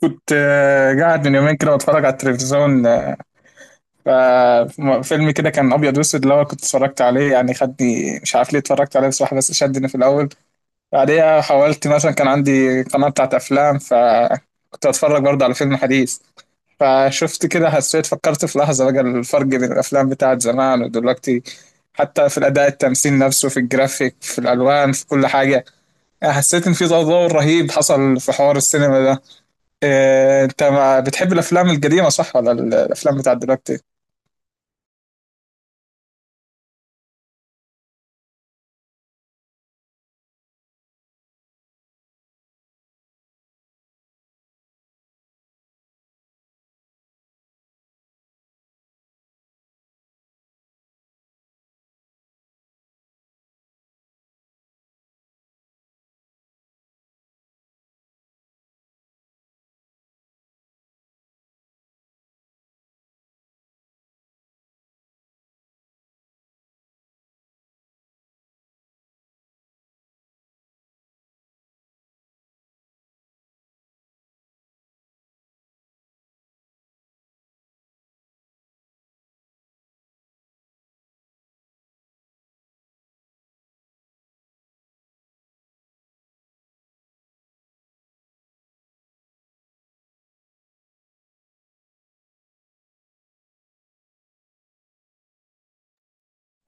كنت قاعد من يومين كده بتفرج على التلفزيون. ففيلم كده كان ابيض واسود اللي هو كنت اتفرجت عليه، يعني خدني مش عارف ليه اتفرجت عليه بصراحه، بس شدني في الاول. بعديها حاولت، مثلا كان عندي قناه بتاعت افلام، فكنت اتفرج برضه على فيلم حديث. فشفت كده، حسيت، فكرت في لحظه بقى الفرق بين الافلام بتاعت زمان ودلوقتي، حتى في الاداء، التمثيل نفسه، في الجرافيك، في الالوان، في كل حاجه. يعني حسيت ان في تطور رهيب حصل في حوار السينما ده. إيه، انت ما بتحب الافلام القديمه، صح؟ ولا الافلام بتاعت دلوقتي؟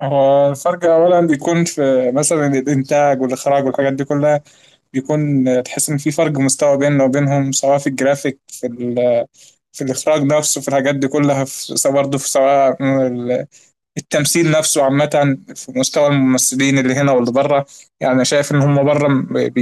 هو الفرق اولا بيكون في مثلا الانتاج والاخراج والحاجات دي كلها. بيكون، تحس ان في فرق مستوى بيننا وبينهم، سواء في الجرافيك، في في الاخراج نفسه، في الحاجات دي كلها، في سواء برضه في سواء التمثيل نفسه عامة، في مستوى الممثلين اللي هنا واللي بره. يعني أنا شايف إن هم بره م- بي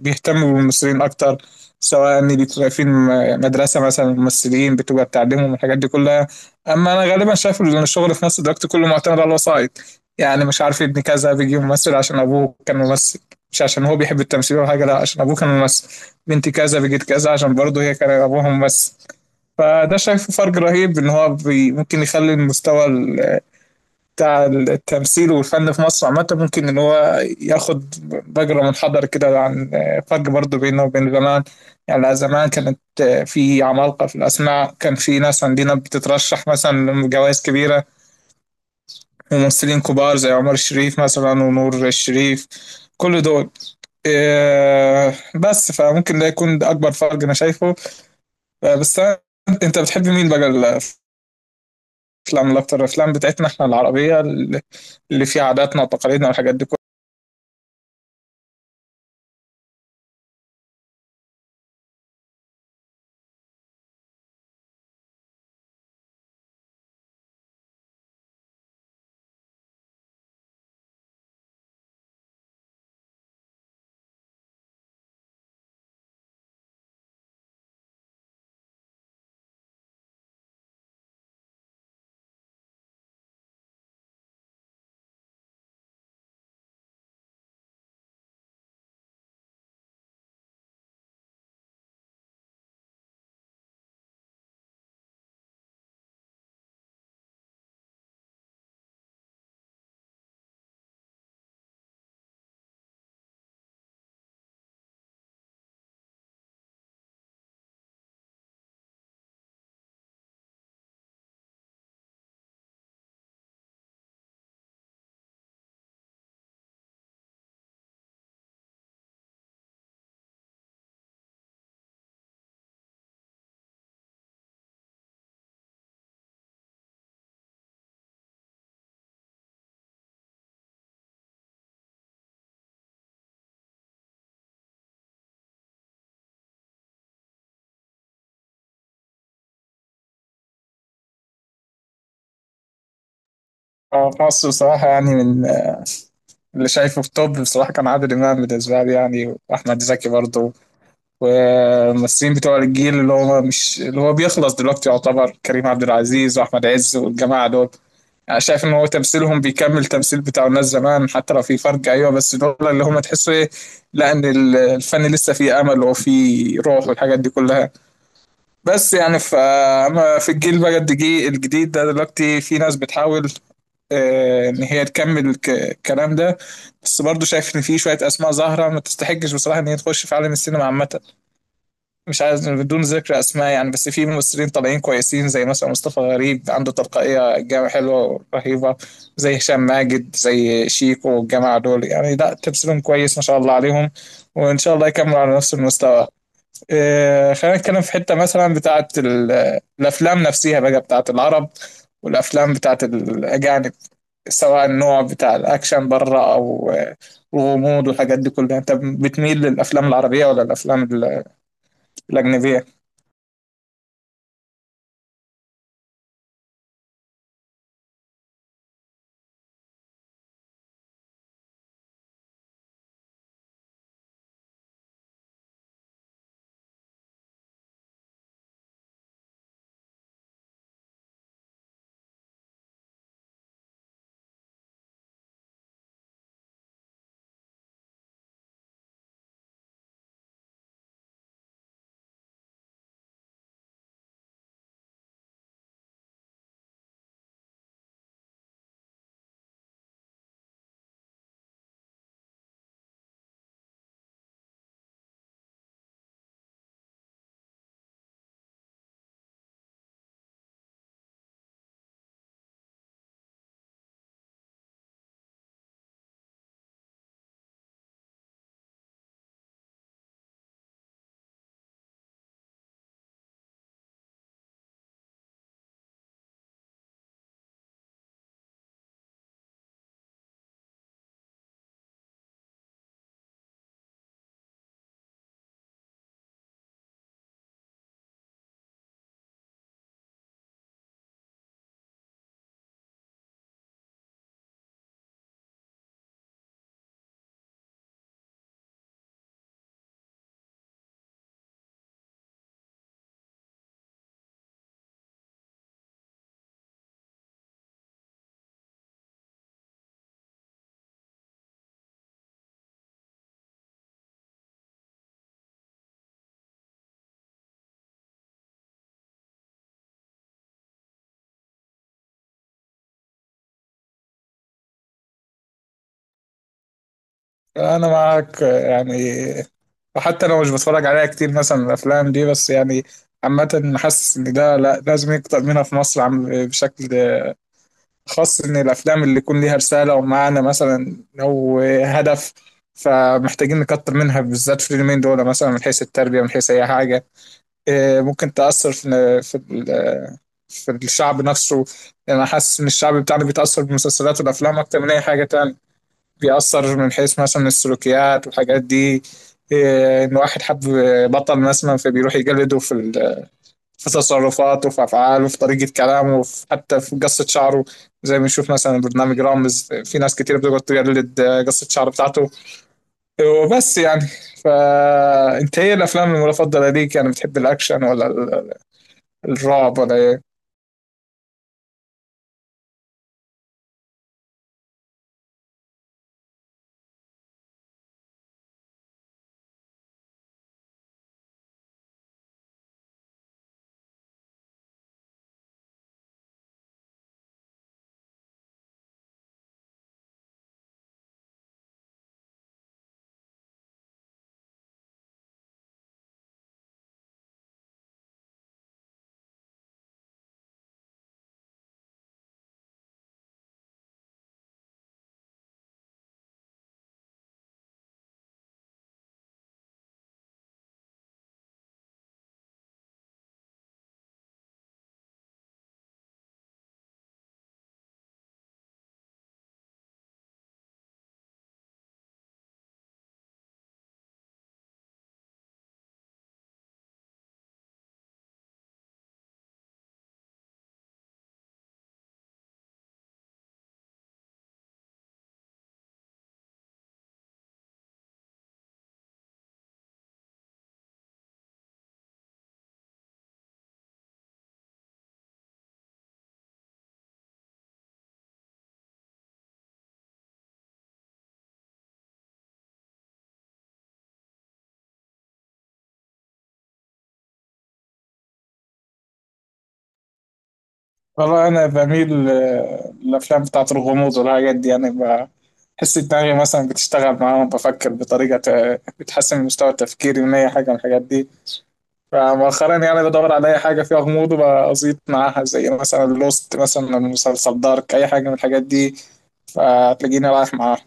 بيهتموا بالممثلين أكتر، سواء إن بيبقى في مدرسة مثلا ممثلين بتبقى بتعلمهم الحاجات دي كلها. أما أنا غالبا شايف إن الشغل في مصر دلوقتي كله معتمد على الوسائط. يعني مش عارف، ابن كذا بيجي ممثل عشان أبوه كان ممثل، مش عشان هو بيحب التمثيل ولا حاجة، لا عشان أبوه كان ممثل. بنت كذا بيجت كذا عشان برضه هي كان أبوها ممثل. فده شايفه فرق رهيب، ان هو ممكن يخلي المستوى بتاع التمثيل والفن في مصر عامة، ممكن إن هو ياخد مجرى منحدر كده، عن فرق برضه بينه وبين زمان. يعني زمان كانت، في عمالقة في الأسماء، كان في ناس عندنا بتترشح مثلا لجوائز كبيرة، ممثلين كبار زي عمر الشريف مثلا ونور الشريف، كل دول. إيه، بس فممكن ده يكون ده أكبر فرق أنا شايفه. بس أنت بتحب مين بقى الأفلام الأكتر؟ الأفلام بتاعتنا إحنا العربية، اللي فيها عاداتنا وتقاليدنا والحاجات دي كلها. اه، في مصر بصراحة يعني من اللي شايفه في توب، بصراحة كان عادل إمام بالنسبة لي يعني، وأحمد زكي برضه. والممثلين بتوع الجيل اللي هو مش اللي هو بيخلص دلوقتي، يعتبر كريم عبد العزيز وأحمد عز والجماعة دول. يعني شايف إن هو تمثيلهم بيكمل تمثيل بتاع الناس زمان، حتى لو في فرق، أيوه، بس دول اللي هم تحسوا إيه، لا، إن الفن لسه فيه أمل وفيه روح والحاجات دي كلها. بس يعني، أما في الجيل بقى الجديد، الجديد ده دلوقتي في ناس بتحاول ان هي تكمل الكلام ده. بس برضو شايف ان في شويه اسماء ظاهره ما تستحقش بصراحه ان هي تخش في عالم السينما عامه. مش عايز بدون ذكر اسماء يعني، بس في ممثلين طالعين كويسين زي مثلا مصطفى غريب، عنده تلقائيه جامعة حلوه رهيبه، زي هشام ماجد، زي شيكو والجماعه دول. يعني لا، تمثيلهم كويس ما شاء الله عليهم، وان شاء الله يكملوا على نفس المستوى. خلينا نتكلم في حته مثلا بتاعه الافلام نفسها بقى، بتاعه العرب والافلام بتاعه الاجانب، سواء النوع بتاع الأكشن بره، أو الغموض والحاجات دي كلها. أنت بتميل للأفلام العربية ولا الأفلام الأجنبية؟ أنا معاك، يعني وحتى لو مش بتفرج عليها كتير مثلا الأفلام دي، بس يعني عامة حاسس إن ده لا لازم يكتر منها في مصر عم، بشكل خاص إن الأفلام اللي يكون ليها رسالة ومعنى مثلا أو هدف. فمحتاجين نكتر منها بالذات في اليومين دول، مثلا من حيث التربية، من حيث أي حاجة. إيه، ممكن تأثر في في الشعب نفسه. يعني أنا حاسس إن الشعب بتاعنا بيتأثر بالمسلسلات والأفلام أكتر من أي حاجة تاني. بيأثر من حيث مثلا السلوكيات والحاجات دي. إيه، إن واحد حب بطل مثلا، فبيروح يجلده في في تصرفاته، في أفعاله، في طريقة كلامه، في حتى في قصة شعره. زي ما نشوف مثلا برنامج رامز، في ناس كتير بتقعد تجلد قصة شعر بتاعته وبس يعني. فأنت إيه الأفلام المفضلة ليك؟ يعني بتحب الأكشن، ولا الرعب، ولا إيه؟ والله انا بميل، للافلام بتاعت الغموض والحاجات دي يعني. بحس دماغي مثلا بتشتغل معاهم، بفكر بطريقه بتحسن من مستوى تفكيري، من اي حاجه من الحاجات دي. فمؤخرا يعني بدور على اي حاجه فيها غموض وبزيط معاها، زي مثلا لوست، مثلا مسلسل دارك، اي حاجه من الحاجات دي، فتلاقيني رايح معاها.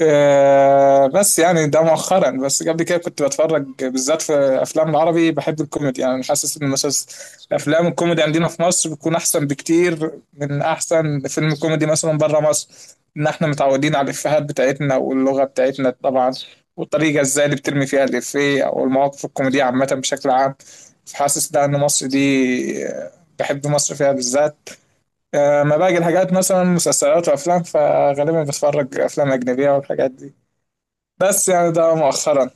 بس يعني ده مؤخرا، بس قبل كده كنت بتفرج بالذات في افلام العربي. بحب الكوميدي، يعني حاسس ان افلام الكوميدي عندنا في مصر بتكون احسن بكتير من احسن فيلم كوميدي مثلا بره مصر، ان احنا متعودين على الافيهات بتاعتنا واللغه بتاعتنا طبعا، والطريقه ازاي اللي بترمي فيها الافيه او المواقف الكوميديه عامه بشكل عام. فحاسس ده ان مصر دي، بحب مصر فيها بالذات. ما باقي الحاجات مثلا مسلسلات وافلام، فغالبا بتفرج افلام اجنبيه والحاجات دي، بس يعني ده مؤخرا.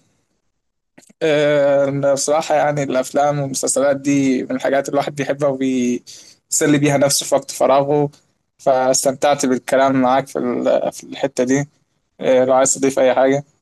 بصراحة يعني الأفلام والمسلسلات دي من الحاجات اللي الواحد بيحبها وبيسلي بيها نفسه في وقت فراغه. فاستمتعت بالكلام معاك في في الحتة دي. لو عايز تضيف أي حاجة.